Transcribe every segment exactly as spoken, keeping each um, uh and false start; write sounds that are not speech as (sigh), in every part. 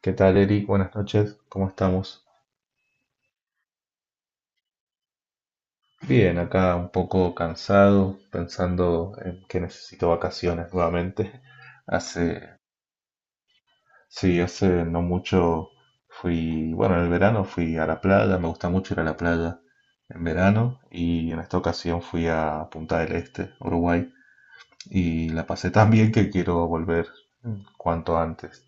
¿Qué tal, Eric? Buenas noches, ¿cómo estamos? Bien, acá un poco cansado, pensando en que necesito vacaciones nuevamente. (laughs) Hace, sí, hace no mucho fui, bueno, en el verano fui a la playa, me gusta mucho ir a la playa en verano y en esta ocasión fui a Punta del Este, Uruguay, y la pasé tan bien que quiero volver cuanto antes.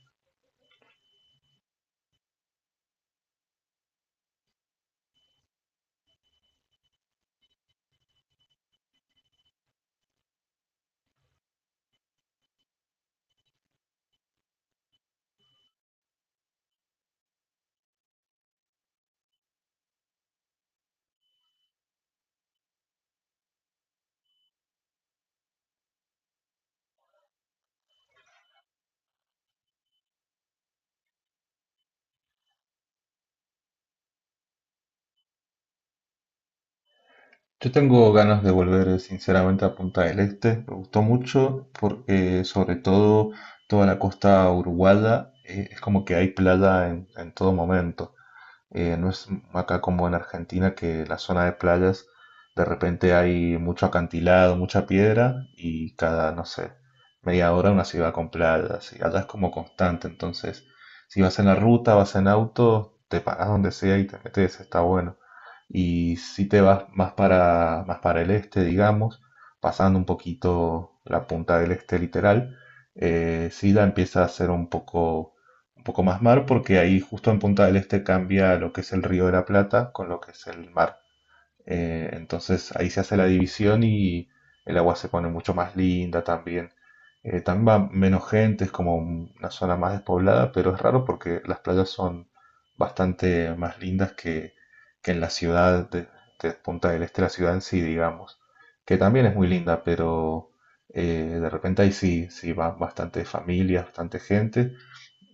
Yo tengo ganas de volver sinceramente a Punta del Este, me gustó mucho porque sobre todo toda la costa uruguaya eh, es como que hay playa en, en todo momento. Eh, no es acá como en Argentina que la zona de playas de repente hay mucho acantilado, mucha piedra y cada, no sé, media hora una ciudad con playas. Y allá es como constante, entonces si vas en la ruta, vas en auto, te paras donde sea y te metes, está bueno. Y si te vas más para, más para el este, digamos, pasando un poquito la punta del este literal, eh, sí la empieza a ser un poco un poco más mar, porque ahí justo en Punta del Este cambia lo que es el Río de la Plata con lo que es el mar. Eh, entonces ahí se hace la división y el agua se pone mucho más linda también. Eh, también va menos gente, es como una zona más despoblada, pero es raro porque las playas son bastante más lindas que, que en la ciudad de, de Punta del Este, la ciudad en sí, digamos, que también es muy linda, pero eh, de repente ahí sí, sí van bastantes familias, bastante gente,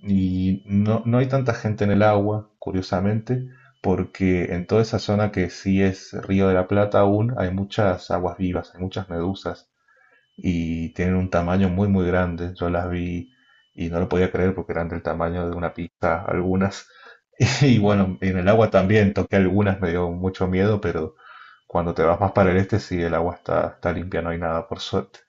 y no, no hay tanta gente en el agua, curiosamente, porque en toda esa zona que sí es Río de la Plata aún hay muchas aguas vivas, hay muchas medusas y tienen un tamaño muy muy grande. Yo las vi y no lo podía creer porque eran del tamaño de una pizza algunas. (laughs) Y bueno, en el agua también toqué algunas, me dio mucho miedo, pero cuando te vas más para el este sí, el agua está, está limpia, no hay nada por suerte.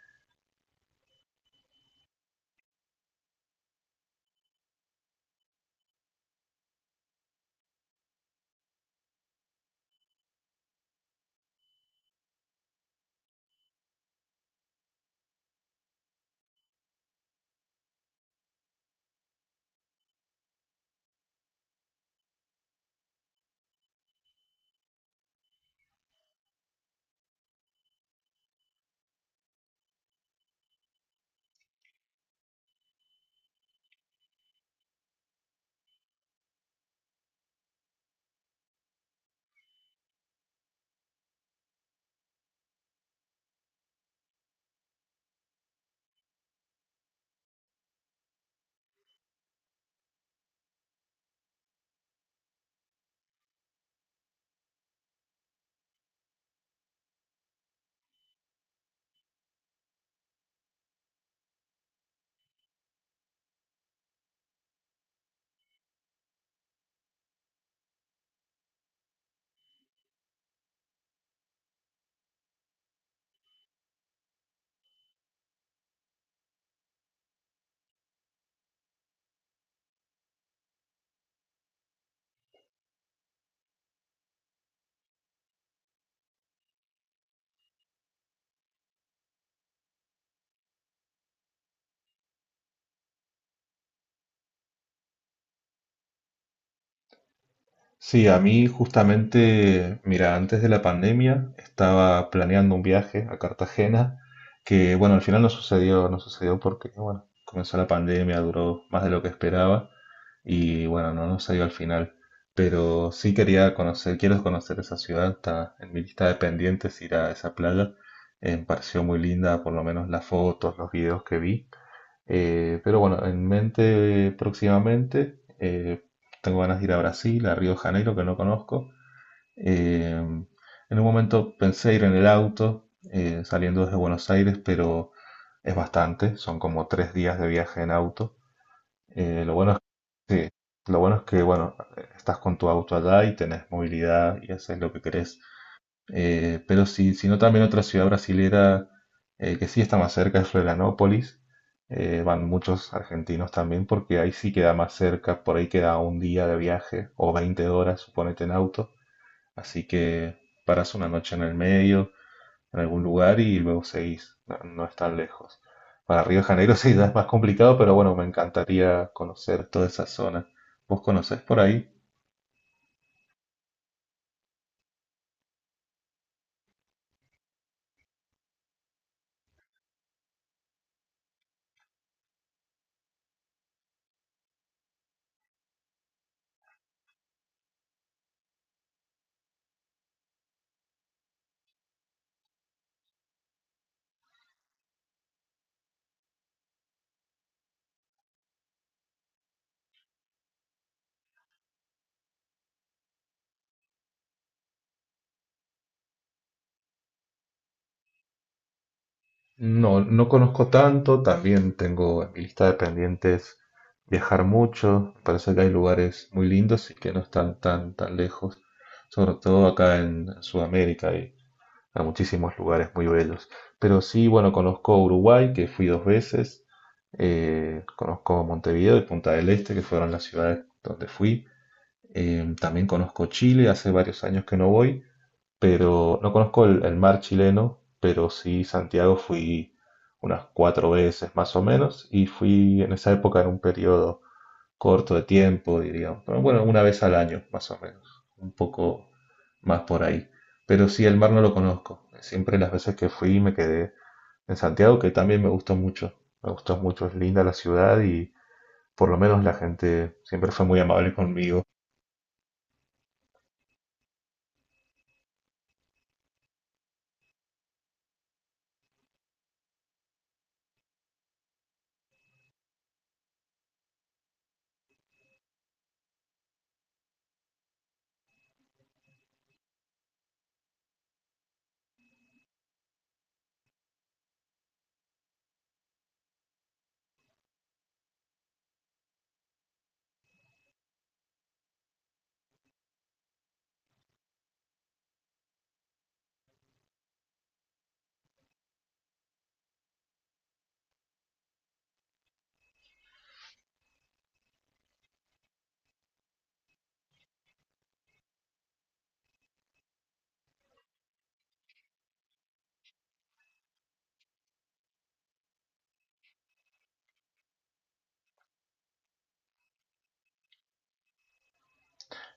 Sí, a mí justamente, mira, antes de la pandemia estaba planeando un viaje a Cartagena, que bueno, al final no sucedió, no sucedió porque, bueno, comenzó la pandemia, duró más de lo que esperaba y bueno, no, no salió al final. Pero sí quería conocer, quiero conocer esa ciudad, está en mi lista de pendientes ir a esa playa. Eh, me pareció muy linda, por lo menos las fotos, los videos que vi. Eh, pero bueno, en mente eh, próximamente eh, tengo ganas de ir a Brasil, a Río de Janeiro, que no conozco. Eh, en un momento pensé ir en el auto eh, saliendo desde Buenos Aires, pero es bastante, son como tres días de viaje en auto. Eh, lo bueno es que, Sí, lo bueno es que, bueno, estás con tu auto allá y tenés movilidad y haces lo que querés. Eh, pero si, si no, también otra ciudad brasilera eh, que sí está más cerca es Florianópolis. Eh, van muchos argentinos también porque ahí sí queda más cerca, por ahí queda un día de viaje o veinte horas, suponete, en auto. Así que paras una noche en el medio, en algún lugar y luego seguís. No, no es tan lejos. Para Río de Janeiro (laughs) sí ya es más complicado, pero bueno, me encantaría conocer toda esa zona. ¿Vos conocés por ahí? No, no conozco tanto, también tengo en mi lista de pendientes viajar mucho, me parece que hay lugares muy lindos y que no están tan, tan lejos, sobre todo acá en Sudamérica hay, hay muchísimos lugares muy bellos. Pero sí, bueno, conozco Uruguay, que fui dos veces, eh, conozco Montevideo y Punta del Este, que fueron las ciudades donde fui. Eh, también conozco Chile, hace varios años que no voy, pero no conozco el, el mar chileno, pero sí Santiago fui unas cuatro veces más o menos y fui en esa época en un periodo corto de tiempo, diríamos, pero bueno, una vez al año más o menos, un poco más por ahí. Pero sí, el mar no lo conozco. Siempre las veces que fui me quedé en Santiago, que también me gustó mucho. Me gustó mucho, es linda la ciudad y por lo menos la gente siempre fue muy amable conmigo.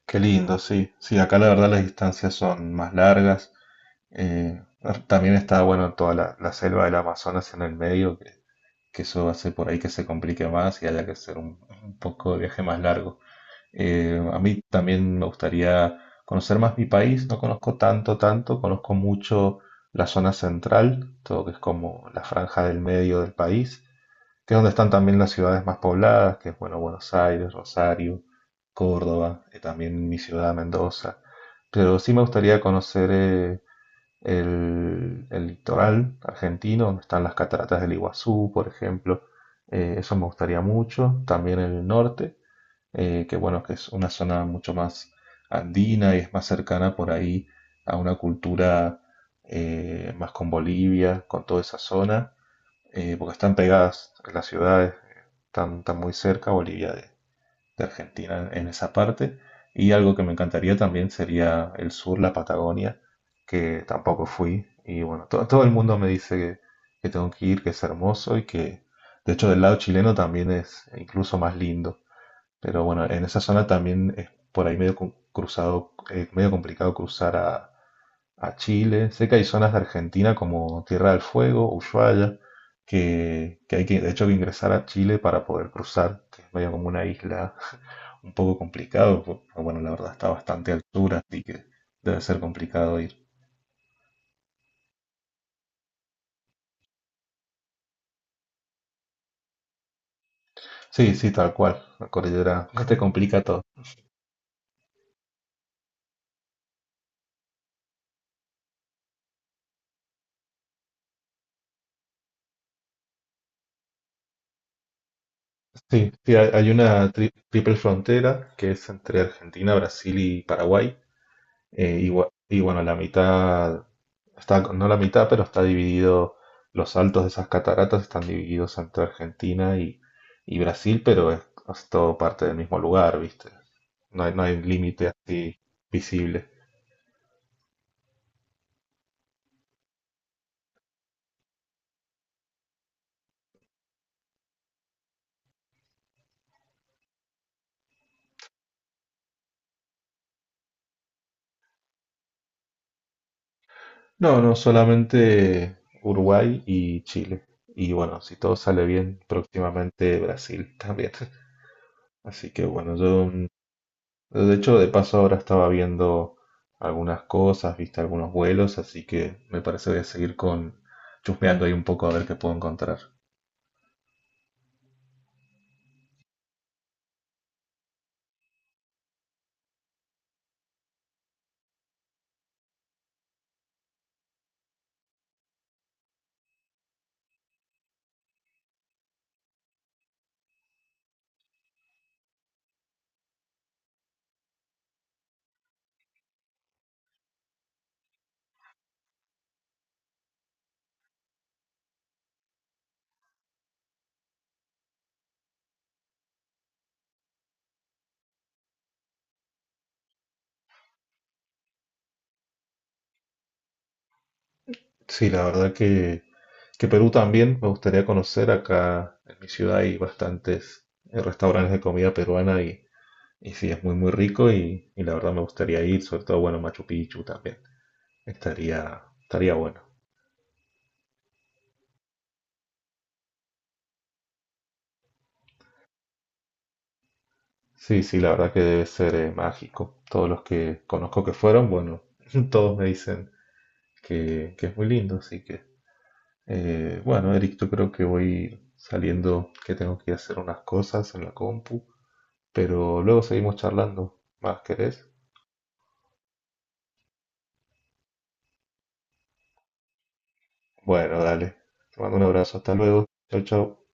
Qué lindo, sí. Sí, acá la verdad las distancias son más largas. Eh, ah, también está bueno toda la, la selva del Amazonas en el medio, que, que eso hace por ahí que se complique más y haya que hacer un, un poco de viaje más largo. Eh, a mí también me gustaría conocer más mi país, no conozco tanto, tanto, conozco mucho la zona central, todo que es como la franja del medio del país, que es donde están también las ciudades más pobladas, que es bueno, Buenos Aires, Rosario, Córdoba, eh, también mi ciudad, Mendoza. Pero sí me gustaría conocer eh, el, el litoral argentino, donde están las cataratas del Iguazú, por ejemplo. Eh, eso me gustaría mucho. También el norte, eh, que bueno, que es una zona mucho más andina y es más cercana por ahí a una cultura eh, más con Bolivia, con toda esa zona, eh, porque están pegadas las ciudades, están, están muy cerca. Bolivia de Argentina en esa parte. Y algo que me encantaría también sería el sur, la Patagonia, que tampoco fui. Y bueno, to- todo el mundo me dice que, que tengo que ir, que es hermoso y que de hecho del lado chileno también es incluso más lindo. Pero bueno, en esa zona también es por ahí medio cu- cruzado, eh, medio complicado cruzar a, a Chile. Sé que hay zonas de Argentina como Tierra del Fuego, Ushuaia, que, que hay que, de hecho, que ingresar a Chile para poder cruzar, que es medio como una isla (laughs) un poco complicado, po- pero bueno, la verdad está a bastante altura, así que debe ser complicado ir. Sí, sí, tal cual, la cordillera (laughs) te complica todo. Sí, sí, hay, hay una tri- triple frontera que es entre Argentina, Brasil y Paraguay, eh, y, gua- y bueno, la mitad está, no la mitad, pero está dividido, los altos de esas cataratas están divididos entre Argentina y, y Brasil, pero es, es todo parte del mismo lugar, ¿viste? No hay, no hay límite así visible. No, no, solamente Uruguay y Chile. Y bueno, si todo sale bien, próximamente Brasil también. (laughs) Así que bueno, yo mm, de hecho, de paso ahora estaba viendo algunas cosas, viste algunos vuelos, así que me parece voy a seguir con chusmeando ahí un poco a ver qué puedo encontrar. Sí, la verdad que, que Perú también me gustaría conocer. Acá en mi ciudad hay bastantes eh, restaurantes de comida peruana y, y sí, es muy muy rico y, y la verdad me gustaría ir, sobre todo, bueno, Machu Picchu también. Estaría, estaría bueno. Sí, sí, la verdad que debe ser eh, mágico. Todos los que conozco que fueron, bueno, (laughs) todos me dicen que, que es muy lindo, así que eh, bueno, Eric, yo creo que voy saliendo, que tengo que ir a hacer unas cosas en la compu, pero luego seguimos charlando. ¿Más querés? Bueno, dale. Te mando un abrazo, hasta luego. Chau, chau.